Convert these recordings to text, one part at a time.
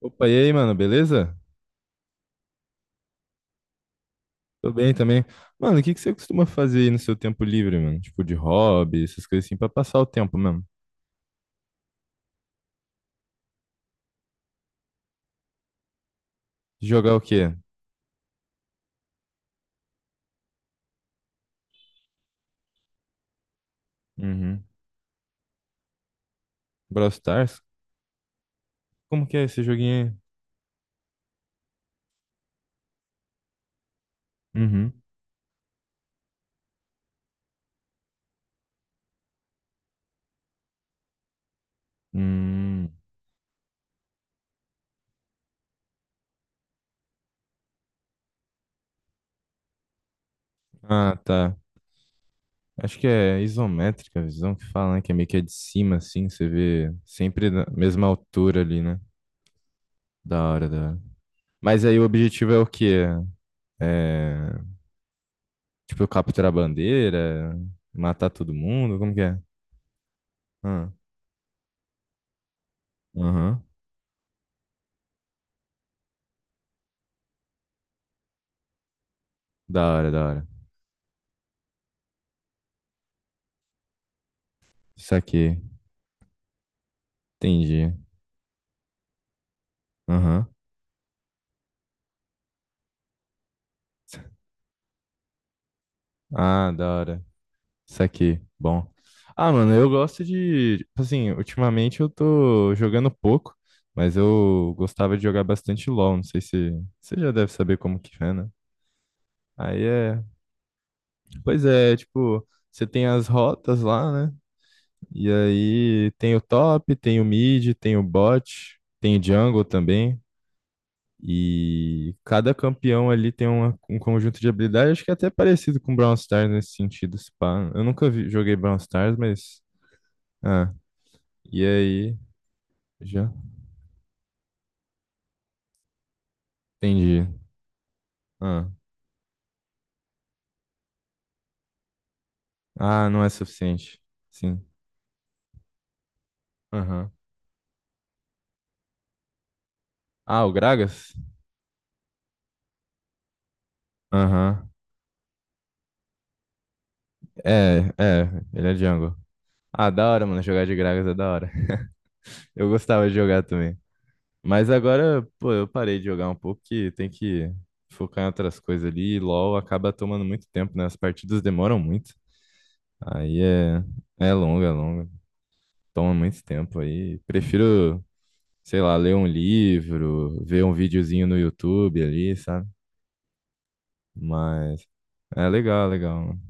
Opa, e aí, mano, beleza? Tô bem também. Mano, o que que você costuma fazer aí no seu tempo livre, mano? Tipo, de hobby, essas coisas assim, pra passar o tempo mesmo. Jogar o quê? Uhum. Brawl Stars? Como que é esse joguinho aí? Uhum. Hum. Ah, tá. Acho que é isométrica a visão que fala, né? Que é meio que é de cima, assim, você vê sempre na mesma altura ali, né? Da hora, da hora. Mas aí o objetivo é o quê? É... Tipo, capturar a bandeira, matar todo mundo, como que é? Ah. Aham. Da hora, da hora. Isso aqui. Entendi. Aham. Ah, da hora. Isso aqui. Bom. Ah, mano, eu gosto de. Tipo assim, ultimamente eu tô jogando pouco, mas eu gostava de jogar bastante LoL. Não sei se. Você já deve saber como que é, né? Aí é. Pois é, tipo, você tem as rotas lá, né? E aí tem o top, tem o mid, tem o bot, tem o jungle também. E cada campeão ali tem um conjunto de habilidades, acho que é até parecido com Brawl Stars nesse sentido, se pá. Eu nunca joguei Brawl Stars, mas. Ah, e aí? Já? Entendi. Ah, ah, não é suficiente. Sim. Aham. Ah, o Gragas? Aham. É, é, ele é jungle. Ah, da hora, mano, jogar de Gragas é da hora. Eu gostava de jogar também. Mas agora, pô, eu parei de jogar um pouco que tem que focar em outras coisas ali. E LoL acaba tomando muito tempo, né? As partidas demoram muito. Aí é, é longa, é longa. Toma muito tempo aí. Prefiro, sei lá, ler um livro, ver um videozinho no YouTube ali, sabe? Mas é legal, legal, mano.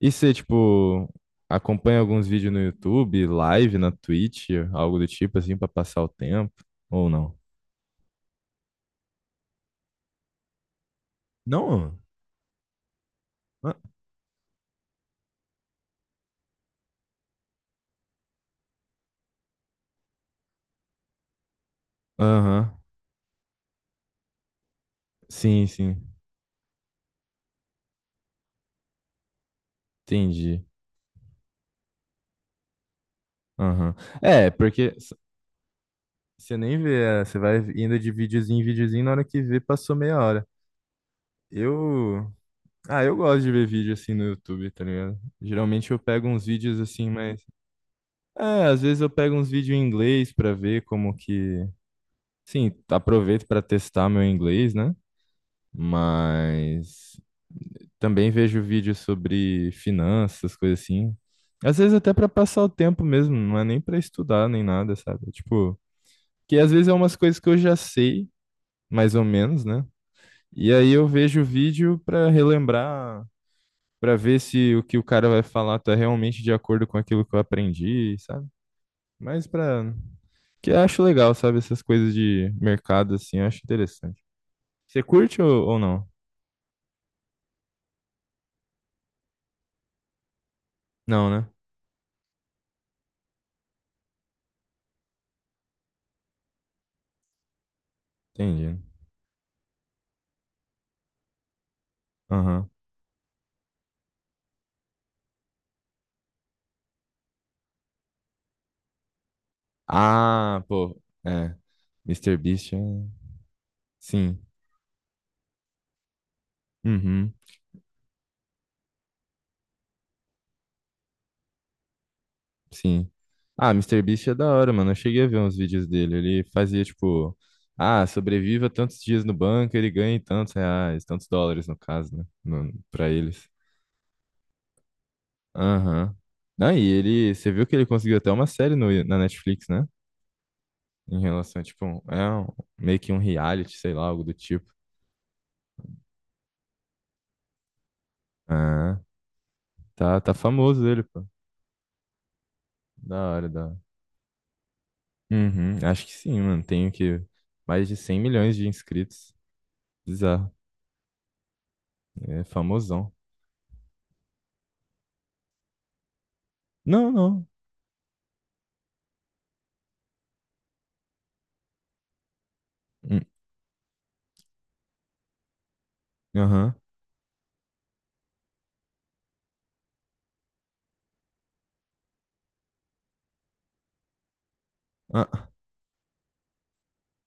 E você, tipo, acompanha alguns vídeos no YouTube, live na Twitch, algo do tipo assim, pra passar o tempo? Ou não? Não? Ah, aham. Sim, sim. Entendi. Aham. É, porque você nem vê, é, você vai indo de videozinho em videozinho, na hora que vê, passou meia hora. Eu. Ah, eu gosto de ver vídeo assim no YouTube, tá ligado? Geralmente eu pego uns vídeos assim, mas. É, às vezes eu pego uns vídeos em inglês pra ver como que. Sim, aproveito pra testar meu inglês, né? Mas. Também vejo vídeos sobre finanças, coisas assim. Às vezes até pra passar o tempo mesmo, não é nem pra estudar nem nada, sabe? É tipo. Que às vezes é umas coisas que eu já sei, mais ou menos, né? E aí eu vejo o vídeo para relembrar, para ver se o que o cara vai falar tá realmente de acordo com aquilo que eu aprendi, sabe? Mas para que eu acho legal, sabe, essas coisas de mercado assim, eu acho interessante. Você curte ou não? Não, né? Entendi. Aham. Ah, pô, é, Mister Beast é... um, sim. Uhum. Sim. Ah, Mister Beast é da hora, mano. Eu cheguei a ver uns vídeos dele. Ele fazia, tipo, ah, sobreviva tantos dias no banco, ele ganha tantos reais, tantos dólares, no caso, né? No, pra eles. Aham. Ah, e ele, você viu que ele conseguiu até uma série no, na Netflix, né? Em relação, a, tipo, meio que um reality, sei lá, algo do tipo. Ah, tá, tá famoso ele, pô. Da hora, da hora. Uhum, acho que sim, mano. Tem que Mais de 100 milhões de inscritos. Bizarro. É famosão. Não, não. Aham. Ah.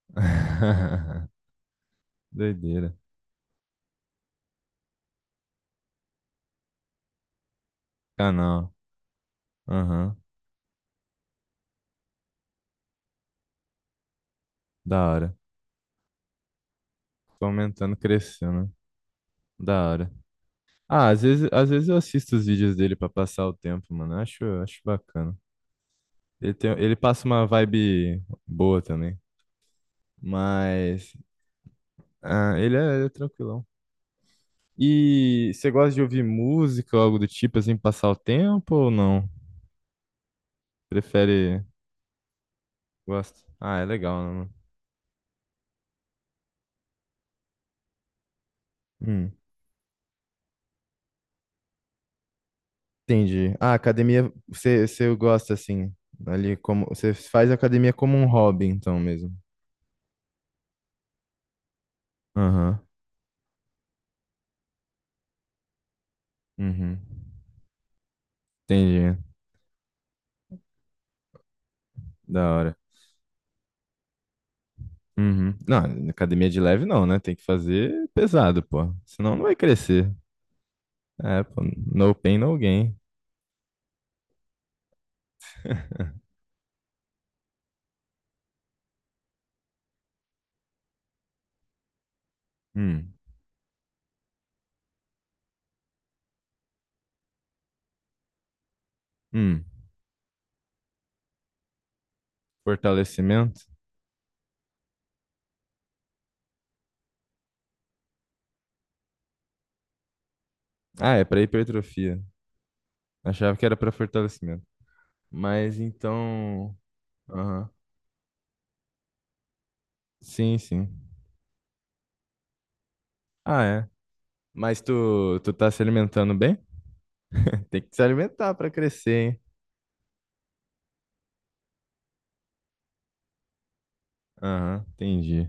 Doideira. Canal. Aham. Da hora. Tô aumentando, crescendo, né? Da hora. Ah, às vezes eu assisto os vídeos dele pra passar o tempo, mano. Eu acho bacana. Ele tem, ele passa uma vibe boa também. Mas ah, ele é tranquilão. E você gosta de ouvir música ou algo do tipo, assim, passar o tempo ou não? Prefere. Gosta? Ah, é legal, né, mano? Hum. Entendi. Ah, academia, você, você gosta assim, ali como, você faz academia como um hobby, então mesmo. Aham. Uhum. Entendi. Da hora. Uhum. Não, academia de leve não, né? Tem que fazer pesado, pô. Senão não vai crescer. É, pô, no pain, no gain. Hum. Hum. Fortalecimento? Ah, é pra hipertrofia. Achava que era pra fortalecimento. Mas então. Aham. Sim, sim. Ah, é. Mas tu, tu tá se alimentando bem? Tem que se alimentar para crescer, hein? Aham, entendi.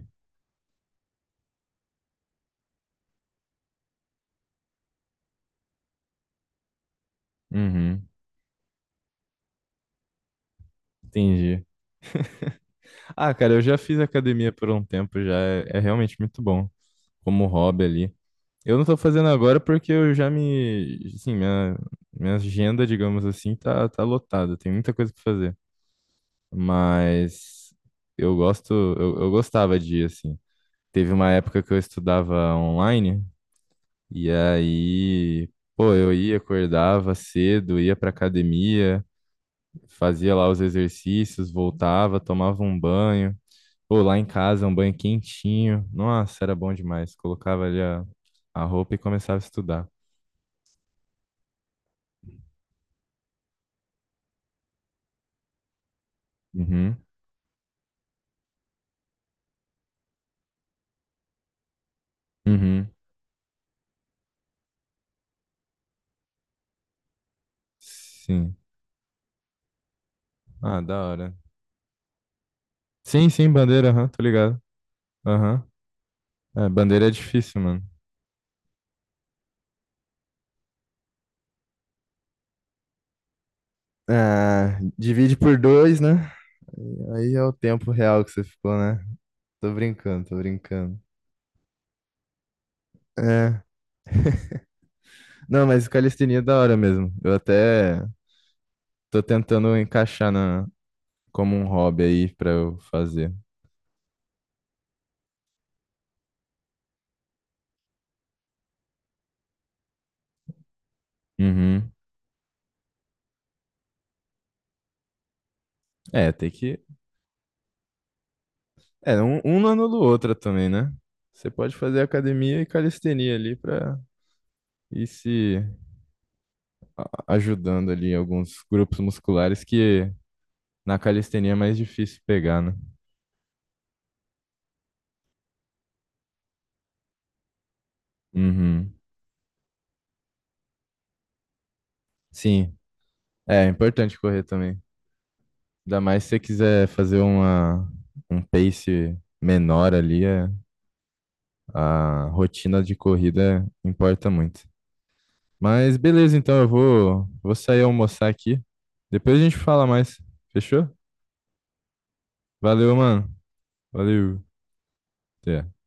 Uhum, entendi. Ah, cara, eu já fiz academia por um tempo já. É, é realmente muito bom como hobby ali. Eu não tô fazendo agora porque eu já me. Assim, minha agenda, digamos assim, tá, tá lotada. Tem muita coisa pra fazer. Mas eu gosto. Eu gostava de, ir, assim. Teve uma época que eu estudava online. E aí. Pô, eu ia, acordava cedo, ia pra academia. Fazia lá os exercícios, voltava, tomava um banho. Ou lá em casa, é um banho quentinho. Nossa, era bom demais. Colocava ali a roupa e começava a estudar. Uhum, uhum, sim. Ah, da hora. Sim, sim, bandeira, aham, tô ligado. Aham. É, bandeira é difícil, mano. Ah, divide por dois, né? Aí é o tempo real que você ficou, né? Tô brincando, tô brincando. É. Não, mas calistenia é da hora mesmo. Eu até tô tentando encaixar na como um hobby aí pra eu fazer. Uhum. É, tem que. É, um não anula o outro também, né? Você pode fazer academia e calistenia ali pra ir se ajudando ali em alguns grupos musculares que na calistenia é mais difícil pegar, né? Uhum. Sim, é é importante correr também. Ainda mais se você quiser fazer uma, um pace menor ali, a rotina de corrida importa muito. Mas beleza, então eu vou, vou sair almoçar aqui. Depois a gente fala mais. Fechou? Valeu, mano. Valeu. Até.